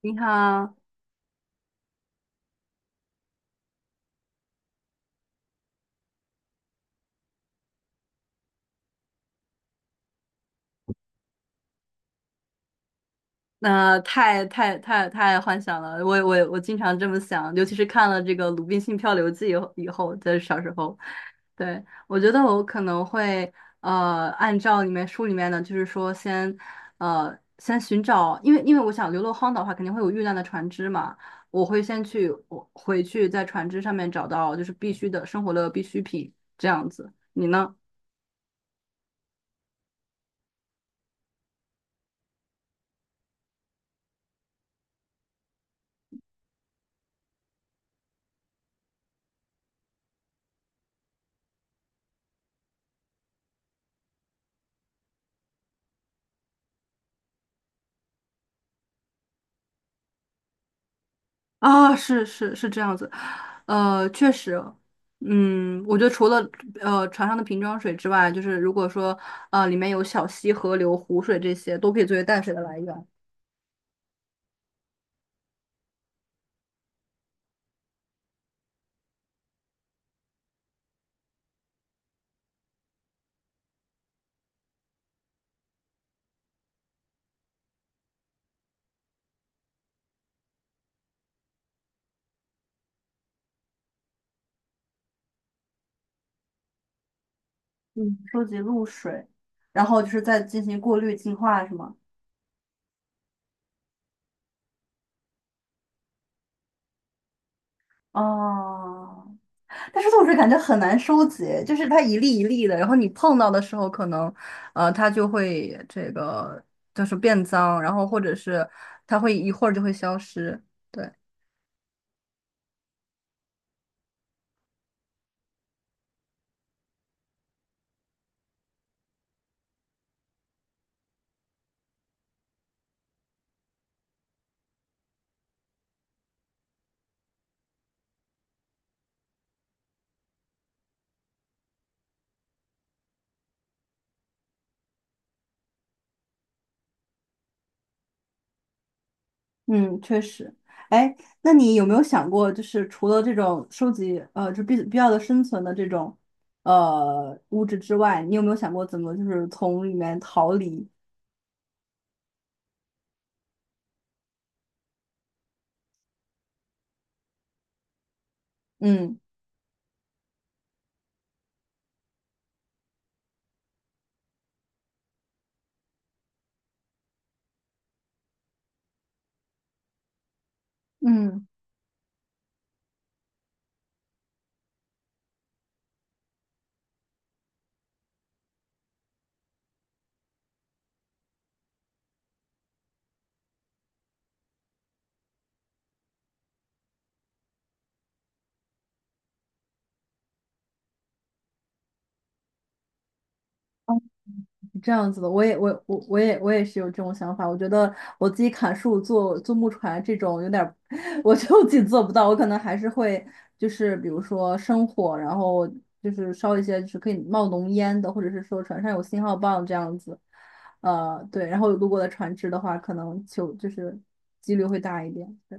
你好。那太幻想了，我经常这么想，尤其是看了这个《鲁滨逊漂流记》以后，以后在小时候。对，我觉得我可能会按照里面书里面的，就是说先先寻找，因为我想流落荒岛的话，肯定会有遇难的船只嘛。我会先去我回去在船只上面找到就是必须的生活的必需品这样子，你呢？啊，是是是这样子，确实。嗯，我觉得除了船上的瓶装水之外，就是如果说里面有小溪、河流、湖水这些，都可以作为淡水的来源。嗯，收集露水，然后就是再进行过滤、净化，是吗？哦，但是露水感觉很难收集，就是它一粒一粒的，然后你碰到的时候，可能它就会这个就是变脏，然后或者是它会一会儿就会消失，对。嗯，确实。哎，那你有没有想过，就是除了这种收集，就必要的生存的这种物质之外，你有没有想过怎么就是从里面逃离？嗯。嗯，这样子的，我也我我我也我也是有这种想法。我觉得我自己砍树做木船这种有点儿，我觉得自己做不到。我可能还是会就是比如说生火，然后就是烧一些就是可以冒浓烟的，或者是说船上有信号棒这样子。呃，对，然后如果的船只的话，可能就是几率会大一点。对。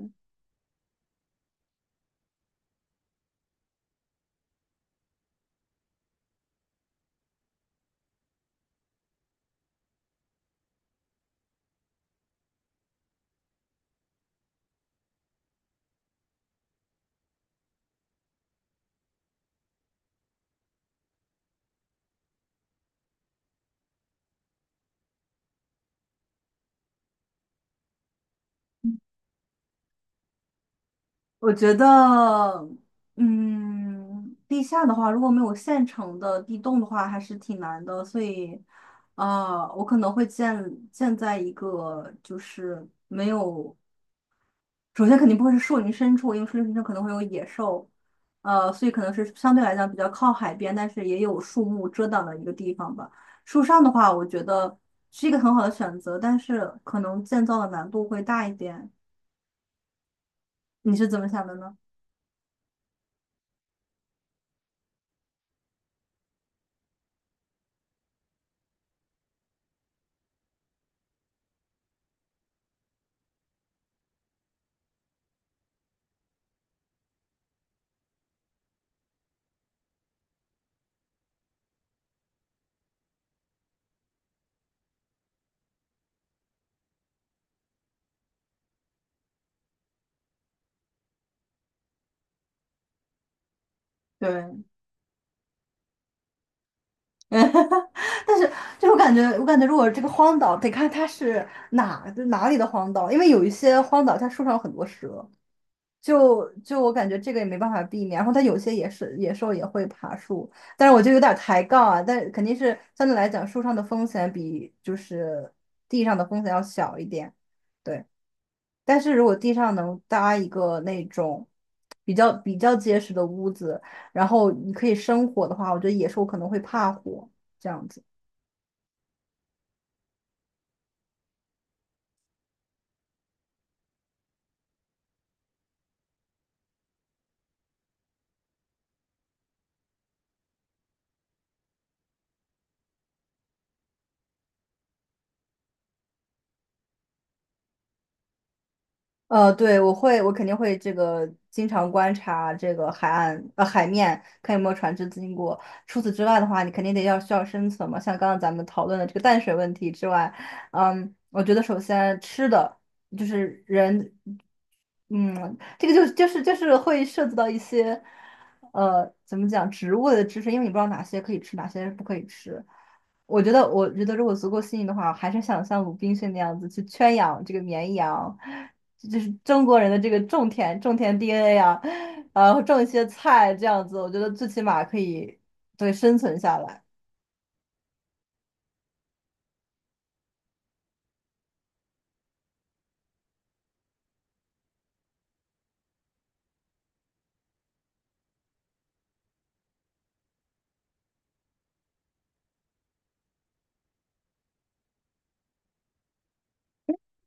我觉得，嗯，地下的话，如果没有现成的地洞的话，还是挺难的。所以，呃，我可能会建在一个就是没有，首先肯定不会是树林深处，因为树林深处可能会有野兽，呃，所以可能是相对来讲比较靠海边，但是也有树木遮挡的一个地方吧。树上的话，我觉得是一个很好的选择，但是可能建造的难度会大一点。你是怎么想的呢？对。嗯，但是就是我感觉，我感觉如果这个荒岛得看它是哪里的荒岛，因为有一些荒岛它树上有很多蛇，就我感觉这个也没办法避免。然后它有些也是野兽也会爬树，但是我就有点抬杠啊，但肯定是相对来讲树上的风险比就是地上的风险要小一点，对。但是如果地上能搭一个那种比较结实的屋子，然后你可以生火的话，我觉得野兽可能会怕火。这样子。呃，对，我会，我肯定会这个经常观察这个海岸海面，看有没有船只经过。除此之外的话，你肯定得要需要生存嘛，像刚刚咱们讨论的这个淡水问题之外，嗯，我觉得首先吃的就是人。嗯，这个就是会涉及到一些，呃，怎么讲植物的知识，因为你不知道哪些可以吃，哪些不可以吃。我觉得，我觉得如果足够幸运的话，还是想像鲁滨逊那样子去圈养这个绵羊，就是中国人的这个种田 DNA 啊。呃，种一些菜这样子，我觉得最起码可以对生存下来。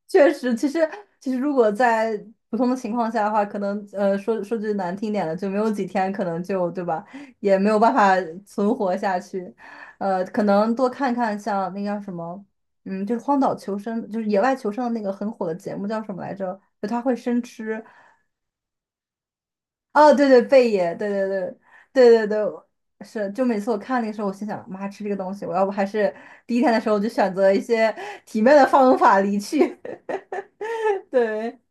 确实。其实如果在普通的情况下的话，可能说句难听点的，就没有几天，可能就对吧，也没有办法存活下去。呃，可能多看看像那叫什么，嗯，就是荒岛求生，就是野外求生的那个很火的节目叫什么来着？就他会生吃。哦，对对，贝爷，对对对对对对，是。就每次我看那个时候，我心想，妈，吃这个东西，我要不还是第一天的时候我就选择一些体面的方法离去，对。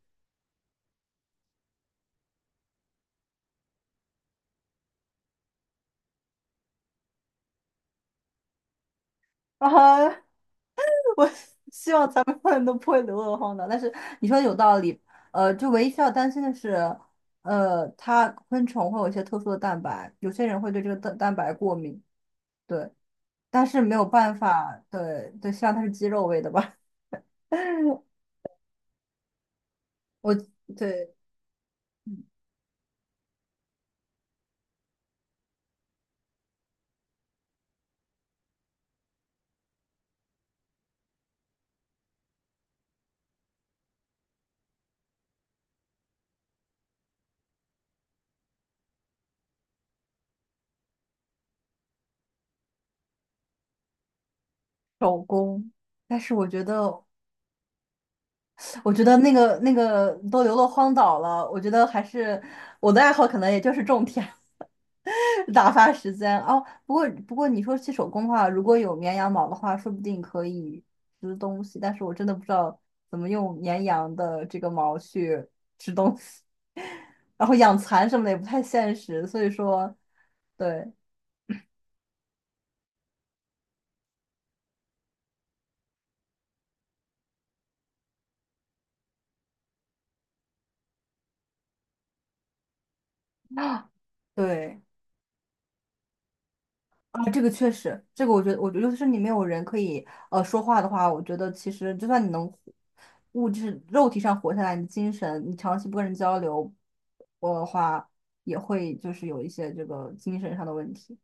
啊后。我希望咱们永远都不会流落荒岛。但是你说的有道理，呃，就唯一需要担心的是，呃，它昆虫会有一些特殊的蛋白，有些人会对这个蛋白过敏，对，但是没有办法，对对，希望它是鸡肉味的吧。我对手工，但是我觉得，我觉得那个那个都流落荒岛了，我觉得还是我的爱好可能也就是种田。打发时间哦。不过你说起手工的话，如果有绵羊毛的话，说不定可以织东西。但是我真的不知道怎么用绵羊的这个毛去织东西，然后养蚕什么的也不太现实。所以说，对对。啊，这个确实，这个我觉得，我觉得就是你没有人可以说话的话，我觉得其实就算你能物质肉体上活下来，你精神你长期不跟人交流我的话，也会就是有一些这个精神上的问题。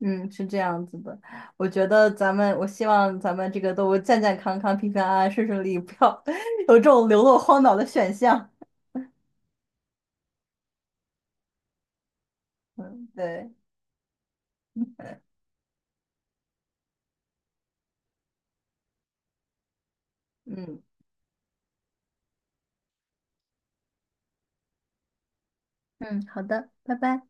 嗯，是这样子的，我觉得咱们，我希望咱们这个都健健康康、平平安安、顺顺利利，不要 有这种流落荒岛的选项。嗯，对。嗯。嗯，好的，拜拜。